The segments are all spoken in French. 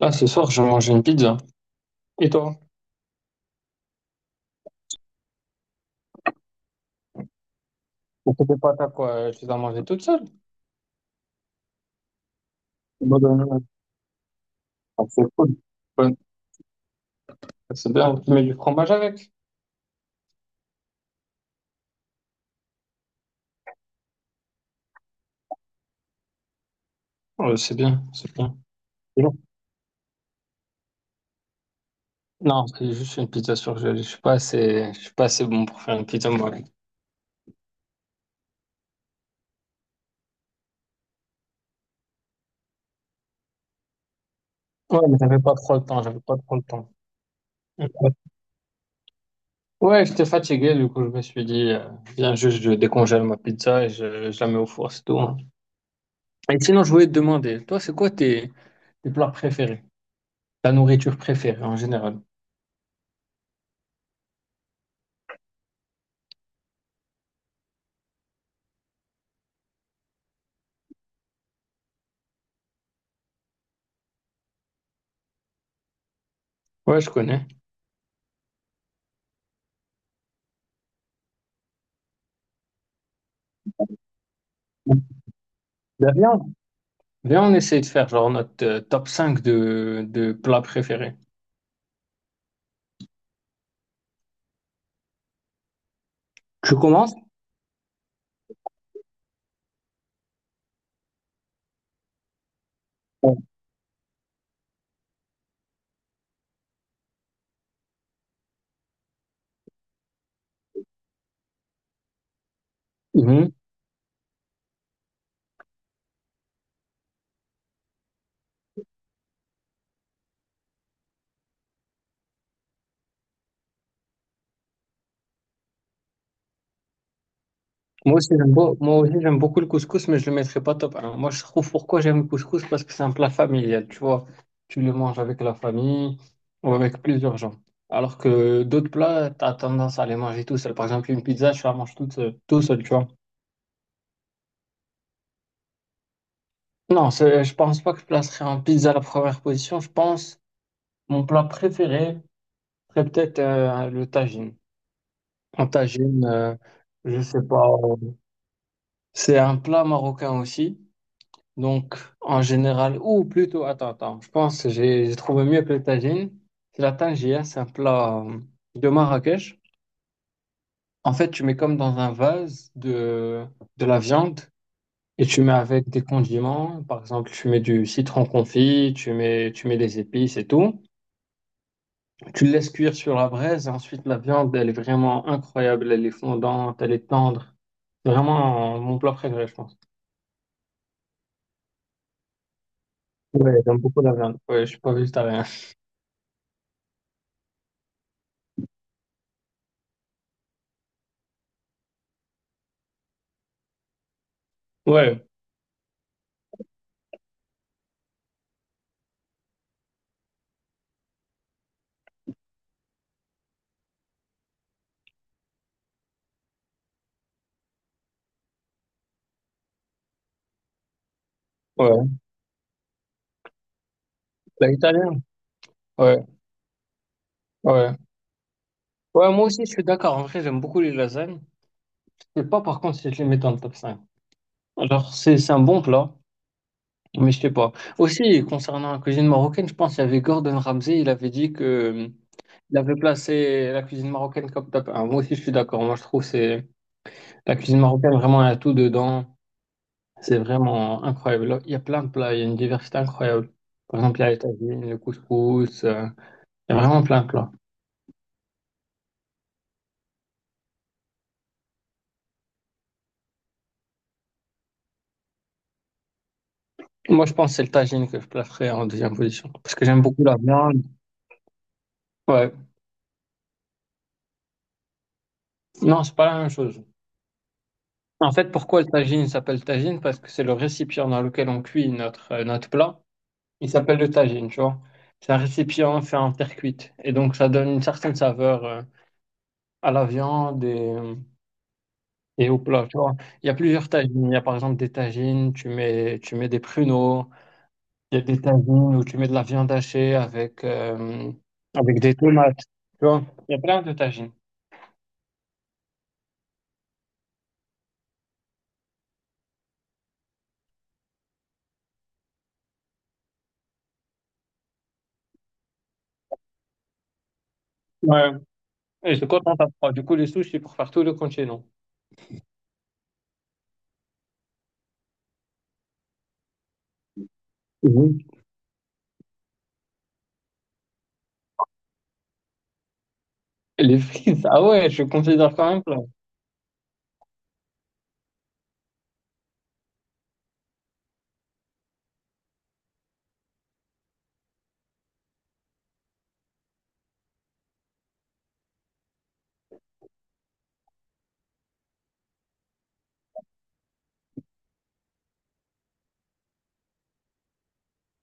Là, ce soir, je vais manger une pizza. Et toi? Et tes pâtes à quoi? Tu les as mangées toutes seules? Bonne année. Ah, c'est cool. Ouais, c'est bien. Tu mets du fromage avec? Ouais, c'est bien, c'est bien. C'est bon. Non, c'est juste une pizza surgelée. Je suis pas assez bon pour faire une pizza moi. Ouais, mais j'avais pas trop le temps. Ouais, Ouais, j'étais fatigué, du coup, je me suis dit, viens juste, je décongèle ma pizza et je la mets au four, c'est tout, hein. Et sinon, je voulais te demander, toi, tes plats préférés? Ta nourriture préférée en général? Ouais, je connais. Ben, viens, viens, on essaye de faire genre notre top 5 de plats préférés. Tu commences? Ouais. Mhm. Moi aussi, j'aime beaucoup le couscous, mais je le mettrai pas top 1. Moi, je trouve pourquoi j'aime le couscous, parce que c'est un plat familial, tu vois. Tu le manges avec la famille ou avec plusieurs gens. Alors que d'autres plats, tu as tendance à les manger tout seul. Par exemple, une pizza, je la mange toute seule- tout seul, tu vois. Non, je pense pas que je placerai en pizza à la première position. Je pense mon plat préféré serait peut-être le tagine. En tagine, je sais pas. C'est un plat marocain aussi. Donc, en général, ou plutôt, attends, attends, je pense que j'ai trouvé mieux que le tagine. C'est la tangia, c'est un plat de Marrakech. En fait, tu mets comme dans un vase de la viande et tu mets avec des condiments. Par exemple, tu mets du citron confit, tu mets des épices et tout. Tu le laisses cuire sur la braise et ensuite la viande, elle est vraiment incroyable. Elle est fondante, elle est tendre. C'est vraiment, mon plat préféré, je pense. Ouais, j'aime beaucoup la viande. Ouais, je suis pas végétarien. Ouais, ouais. La italienne? Ouais, ouais. Ouais, moi aussi, je suis d'accord. En vrai, j'aime beaucoup les lasagnes. Je sais pas, par contre, si je les mets dans le top 5. Alors, c'est un bon plat, mais je sais pas. Aussi, concernant la cuisine marocaine, je pense qu'il y avait Gordon Ramsay, il avait dit que il avait placé la cuisine marocaine comme top 1. Moi aussi, je suis d'accord. Moi, je trouve que c'est la cuisine marocaine, vraiment, il y a tout dedans. C'est vraiment incroyable. Il y a plein de plats, il y a une diversité incroyable. Par exemple, il y a les tagines, le couscous. Il y a vraiment plein de plats. Moi, je pense que c'est le tagine que je placerais en deuxième position. Parce que j'aime beaucoup la viande. Ouais. Non, c'est pas la même chose. En fait, pourquoi le tagine s'appelle tagine? Parce que c'est le récipient dans lequel on cuit notre, notre plat. Il s'appelle le tagine, tu vois. C'est un récipient fait en terre cuite. Et donc, ça donne une certaine saveur à la viande et au plat, tu vois. Il y a plusieurs tagines. Il y a par exemple des tagines, tu mets des pruneaux. Il y a des tagines où tu mets de la viande hachée avec, avec des tomates. Tu vois, il y a plein de tagines. Ouais. Et c'est quand on tape froid. Du coup, les sushis pour faire tout le continent. Mhm. Et les frites, ah ouais, je considère quand même plat.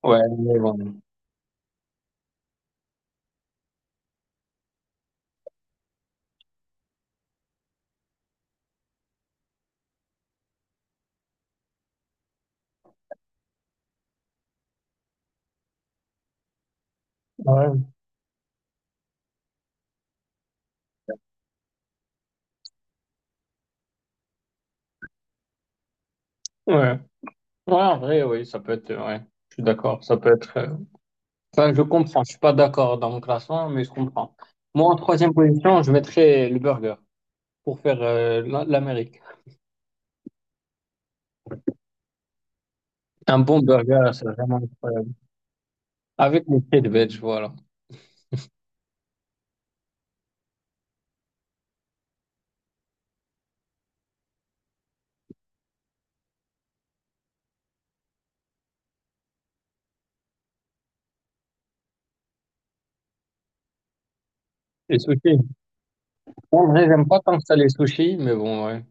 Ouais, mais bon. Ouais. Ouais. Ouais, en vrai, oui, ça peut être. Ouais, je suis d'accord. Ça peut être. Enfin, je comprends. Je suis pas d'accord dans mon classement, mais je comprends. Moi, en troisième position, je mettrais le burger pour faire l'Amérique. Un bon burger, c'est vraiment incroyable. Avec les frites veg, voilà. Les sushis. En vrai, j'aime pas tant que ça les sushis, mais bon, ouais.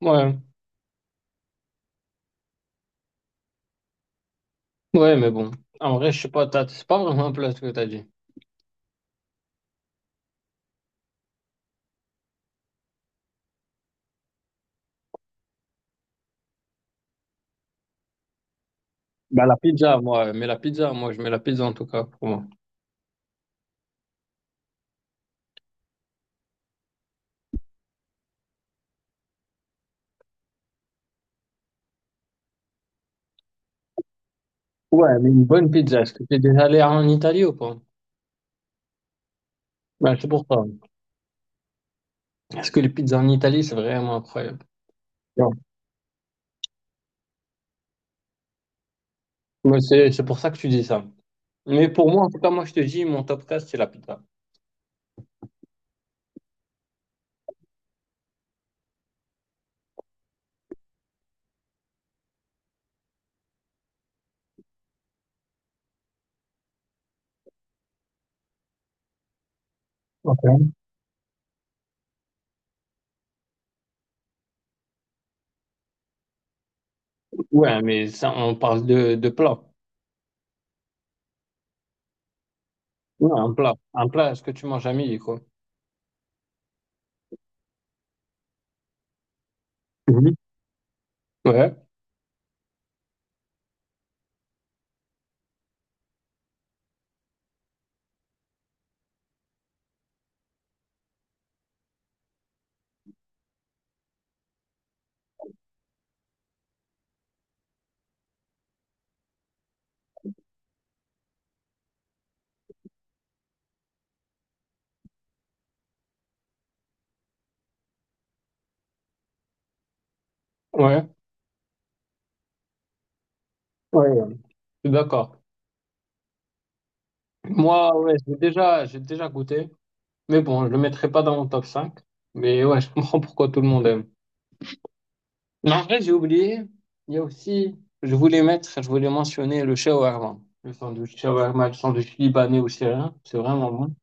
Ouais, ouais, mais bon. En vrai, je sais pas, c'est pas vraiment un plat ce que t'as dit. Bah, la pizza, moi, ouais, mais la pizza, moi, je mets la pizza en tout cas pour moi. Ouais, mais une bonne pizza. Est-ce que t'es déjà allé en Italie ou pas? Bah, c'est pour ça. Parce que les pizzas en Italie, c'est vraiment incroyable. Non. Mais c'est pour ça que tu dis ça. Mais pour moi, en tout cas, moi, je te dis, mon top 4, c'est la pizza. Ok. Ouais, mais ça, on parle de plat. Ouais, un plat. Un plat, est-ce que tu manges à midi, quoi? Mhm. Ouais, ouais, ouais. Ouais. Je suis d'accord. Moi, ouais, j'ai déjà goûté. Mais bon, je le mettrai pas dans mon top 5. Mais ouais, je comprends pourquoi tout le monde aime. Mais en vrai, j'ai oublié. Il y a aussi, je voulais mentionner le shawarma. Le sandwich shawarma, le sandwich libanais ou syrien, c'est vraiment bon.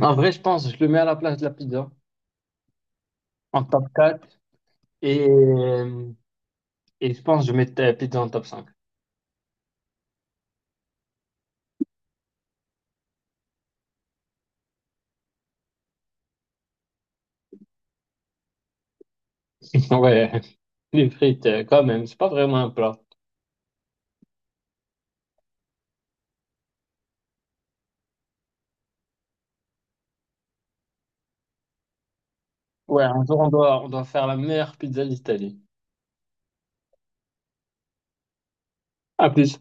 En vrai, je pense, je le mets à la place de la pizza, en top quatre. Et, et je pense, que je mets la pizza en top 5. Ouais, les frites, quand même, c'est pas vraiment un plat. Ouais, un jour, on doit faire la meilleure pizza d'Italie. À plus.